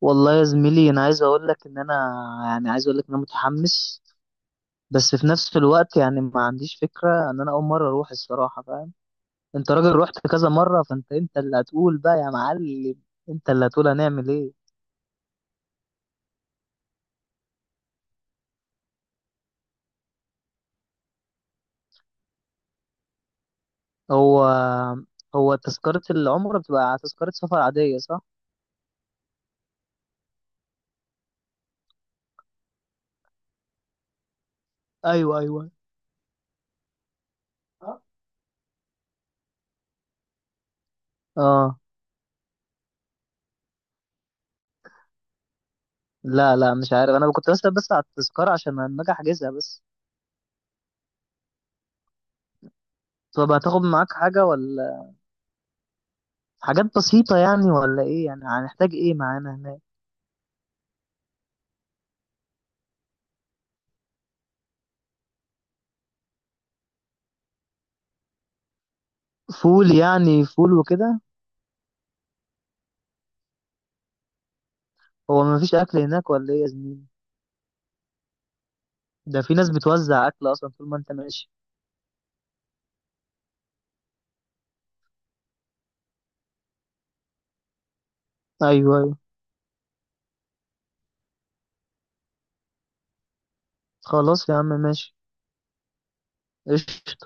والله يا زميلي، انا عايز اقول لك ان انا عايز اقول لك ان انا متحمس، بس في نفس الوقت يعني ما عنديش فكرة ان انا اول مرة اروح. الصراحة فاهم، انت راجل رحت كذا مرة، فانت اللي هتقول بقى يا معلم. انت اللي هتقول هنعمل ايه. هو هو تذكرة العمرة بتبقى تذكرة سفر عادية صح؟ ايوه ايوه. اه. لا لا، مش عارف، انا كنت بسأل بس على التذكرة عشان لما اجي احجزها بس. طب هتاخد معاك حاجة ولا؟ حاجات بسيطة يعني ولا ايه؟ يعني هنحتاج ايه معانا هناك؟ فول يعني، فول وكده. هو ما فيش اكل هناك ولا ايه يا زميلي؟ ده في ناس بتوزع اكل اصلا طول ما انت ماشي. ايوه ايوه. خلاص يا عم، ماشي. قشطة.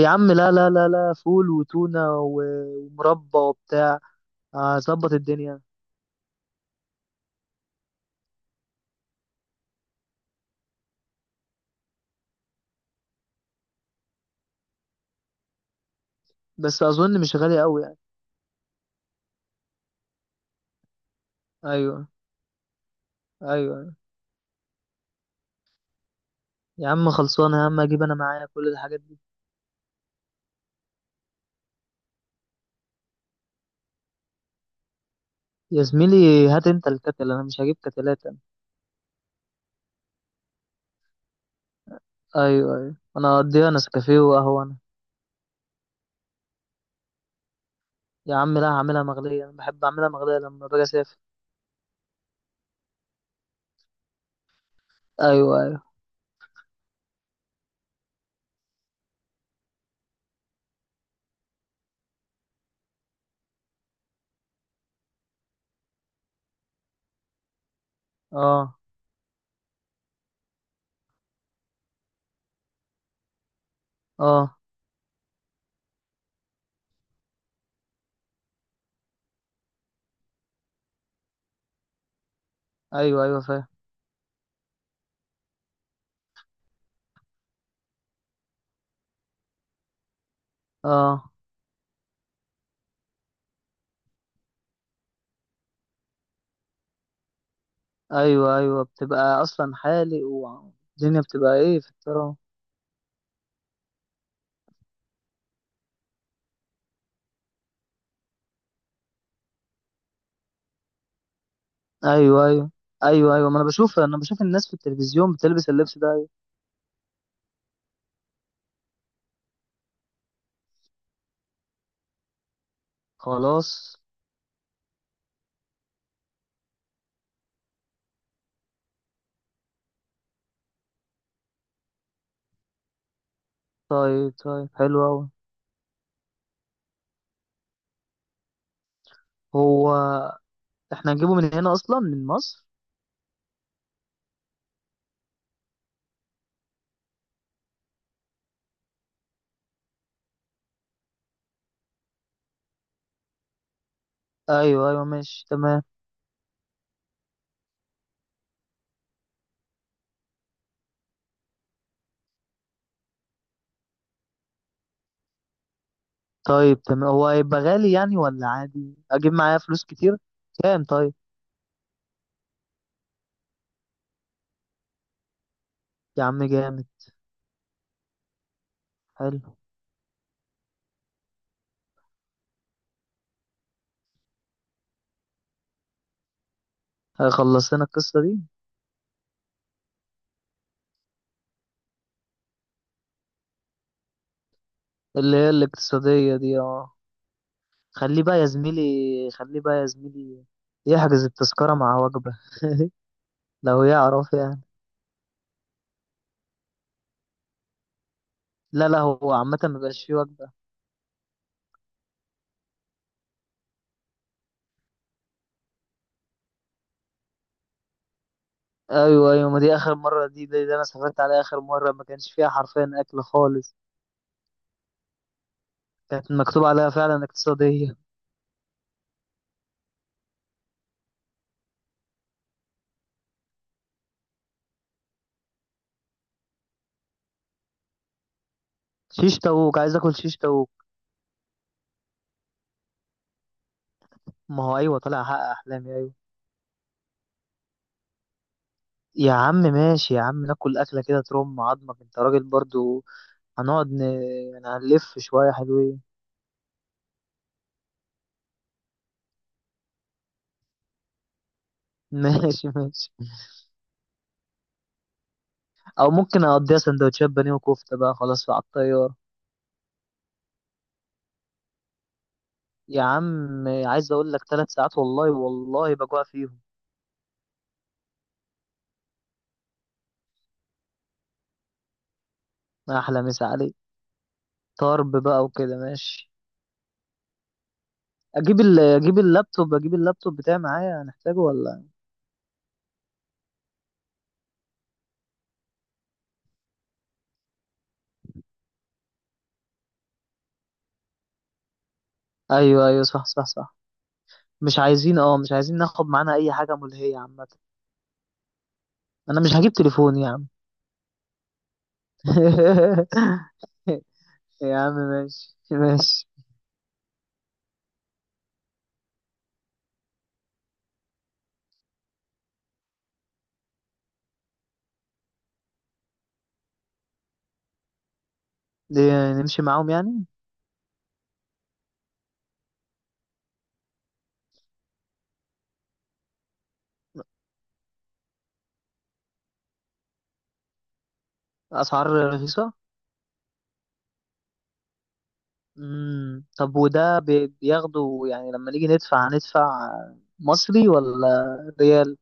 يا عم لا لا لا لا، فول وتونة ومربى وبتاع. هظبط الدنيا. بس اظن مش غالي قوي يعني. ايوه ايوه. يا عم خلصانه، يا عم اجيب انا معايا كل الحاجات دي. يا زميلي هات انت الكتل، انا مش هجيب كتلات انا. ايوه ايوه، انا هقضيها نسكافيه وقهوه انا. يا عم لا، هعملها مغليه، انا بحب اعملها مغليه لما باجي اسافر. ايوه ايوه. اه. اه. ايوه ايوه فاهم. اه. ايوه ايوه، بتبقى اصلا حالق والدنيا بتبقى ايه في التراب. ايوه ايوه. ايوه ايوه، ما انا بشوف، انا بشوف الناس في التلفزيون بتلبس اللبس ده. أيوة. خلاص. طيب طيب، حلو اوي. هو احنا هنجيبه من هنا اصلا من مصر؟ ايوه ايوه، ماشي تمام. طيب تمام، هو هيبقى غالي يعني ولا عادي؟ اجيب معايا فلوس كتير؟ كام طيب؟ يا عم جامد. حلو. هيخلص لنا القصة دي. اللي هي الاقتصادية دي؟ اه. خليه بقى يا زميلي. خليه بقى يا زميلي يحجز التذكرة مع وجبة. لو يعرف يعني. لا لا، هو عامة مبقاش فيه وجبة. أيوه أيوه، ما دي آخر مرة، دي أنا سافرت عليها آخر مرة ما كانش فيها حرفيا أكل خالص. كانت مكتوب عليها فعلا اقتصادية. شيش تاووك، عايز آكل شيش تاووك. ما هو أيوه، طالع أحقق أحلامي أيوه. يا عم ماشي، يا عم ناكل أكلة كده ترم عظمك، أنت راجل برضو. هنقعد ن... يعني هنلف شوية حلوين. ماشي ماشي. او ممكن اقضيها سندوتشات بانيه وكفته بقى خلاص على الطياره. يا عم عايز اقول لك، ثلاث ساعات والله والله بجوع فيهم. احلى مسا عليك. طرب بقى وكده ماشي. اجيب اللابتوب اجيب اللابتوب بتاعي معايا، هنحتاجه ولا؟ ايوه ايوه، صح صح صح. مش عايزين، اه مش عايزين ناخد معانا اي حاجه ملهيه عامه. انا مش هجيب تليفون يا عم. يا عم ماشي ماشي. دي نمشي معاهم يعني؟ اسعار رخيصه. امم، طب وده بياخده يعني، لما نيجي ندفع هندفع مصري ولا ريال؟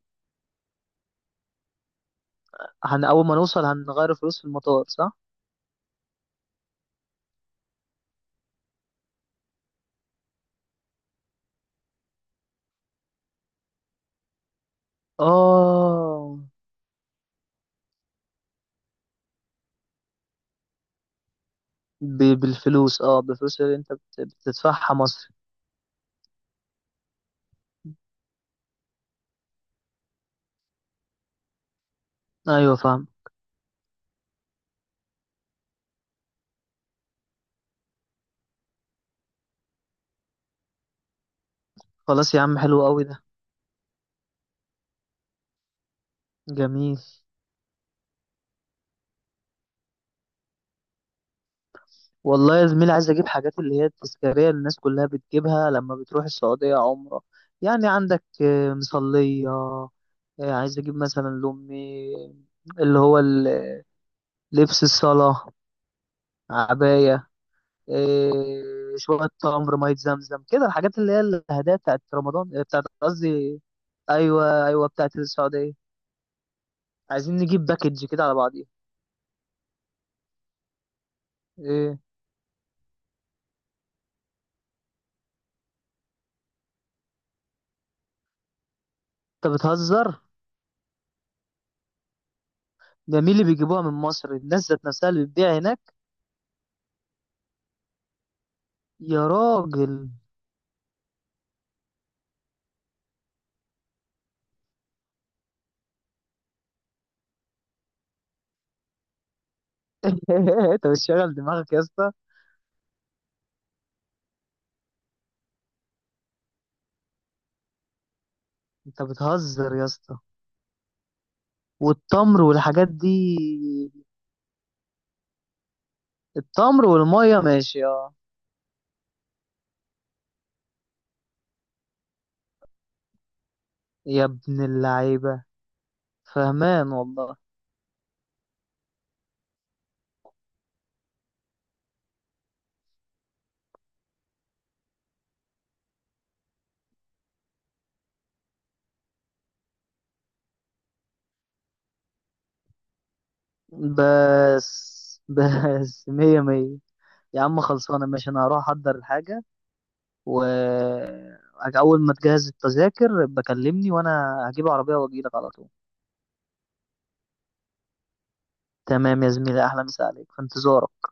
هن اول ما نوصل هنغير فلوس في المطار صح؟ اه، بالفلوس، اه بالفلوس اللي انت بتدفعها مصري. ايوه فاهم. خلاص يا عم، حلو قوي ده. جميل. والله يا زميلي، عايز اجيب حاجات اللي هي التذكاريه اللي الناس كلها بتجيبها لما بتروح السعوديه عمره. يعني عندك مصليه، عايز اجيب مثلا لامي، اللي هو ال- لبس الصلاه، عباية، إيه، شوية تمر، مية زمزم، كده الحاجات اللي هي الهدايا بتاعت رمضان، بتاعت قصدي. أيوة أيوة، بتاعت السعودية. عايزين نجيب باكج كده على بعضيها. إيه؟ أنت بتهزر؟ ده مين اللي بيجيبوها من مصر، الناس ذات نفسها اللي بتبيع هناك؟ يا راجل. أنت بتشغل دماغك يا اسطى. أنت بتهزر يا اسطى. والتمر والحاجات دي؟ التمر والمية ماشي اه. يا ابن اللعيبة. فهمان والله. بس بس، مية مية. يا عم خلصانة، ماشي أنا هروح أحضر الحاجة. و أول ما تجهز التذاكر بكلمني، وأنا هجيب عربية وأجيلك على طول. تمام يا زميلي، أحلى مسا عليك، في انتظارك.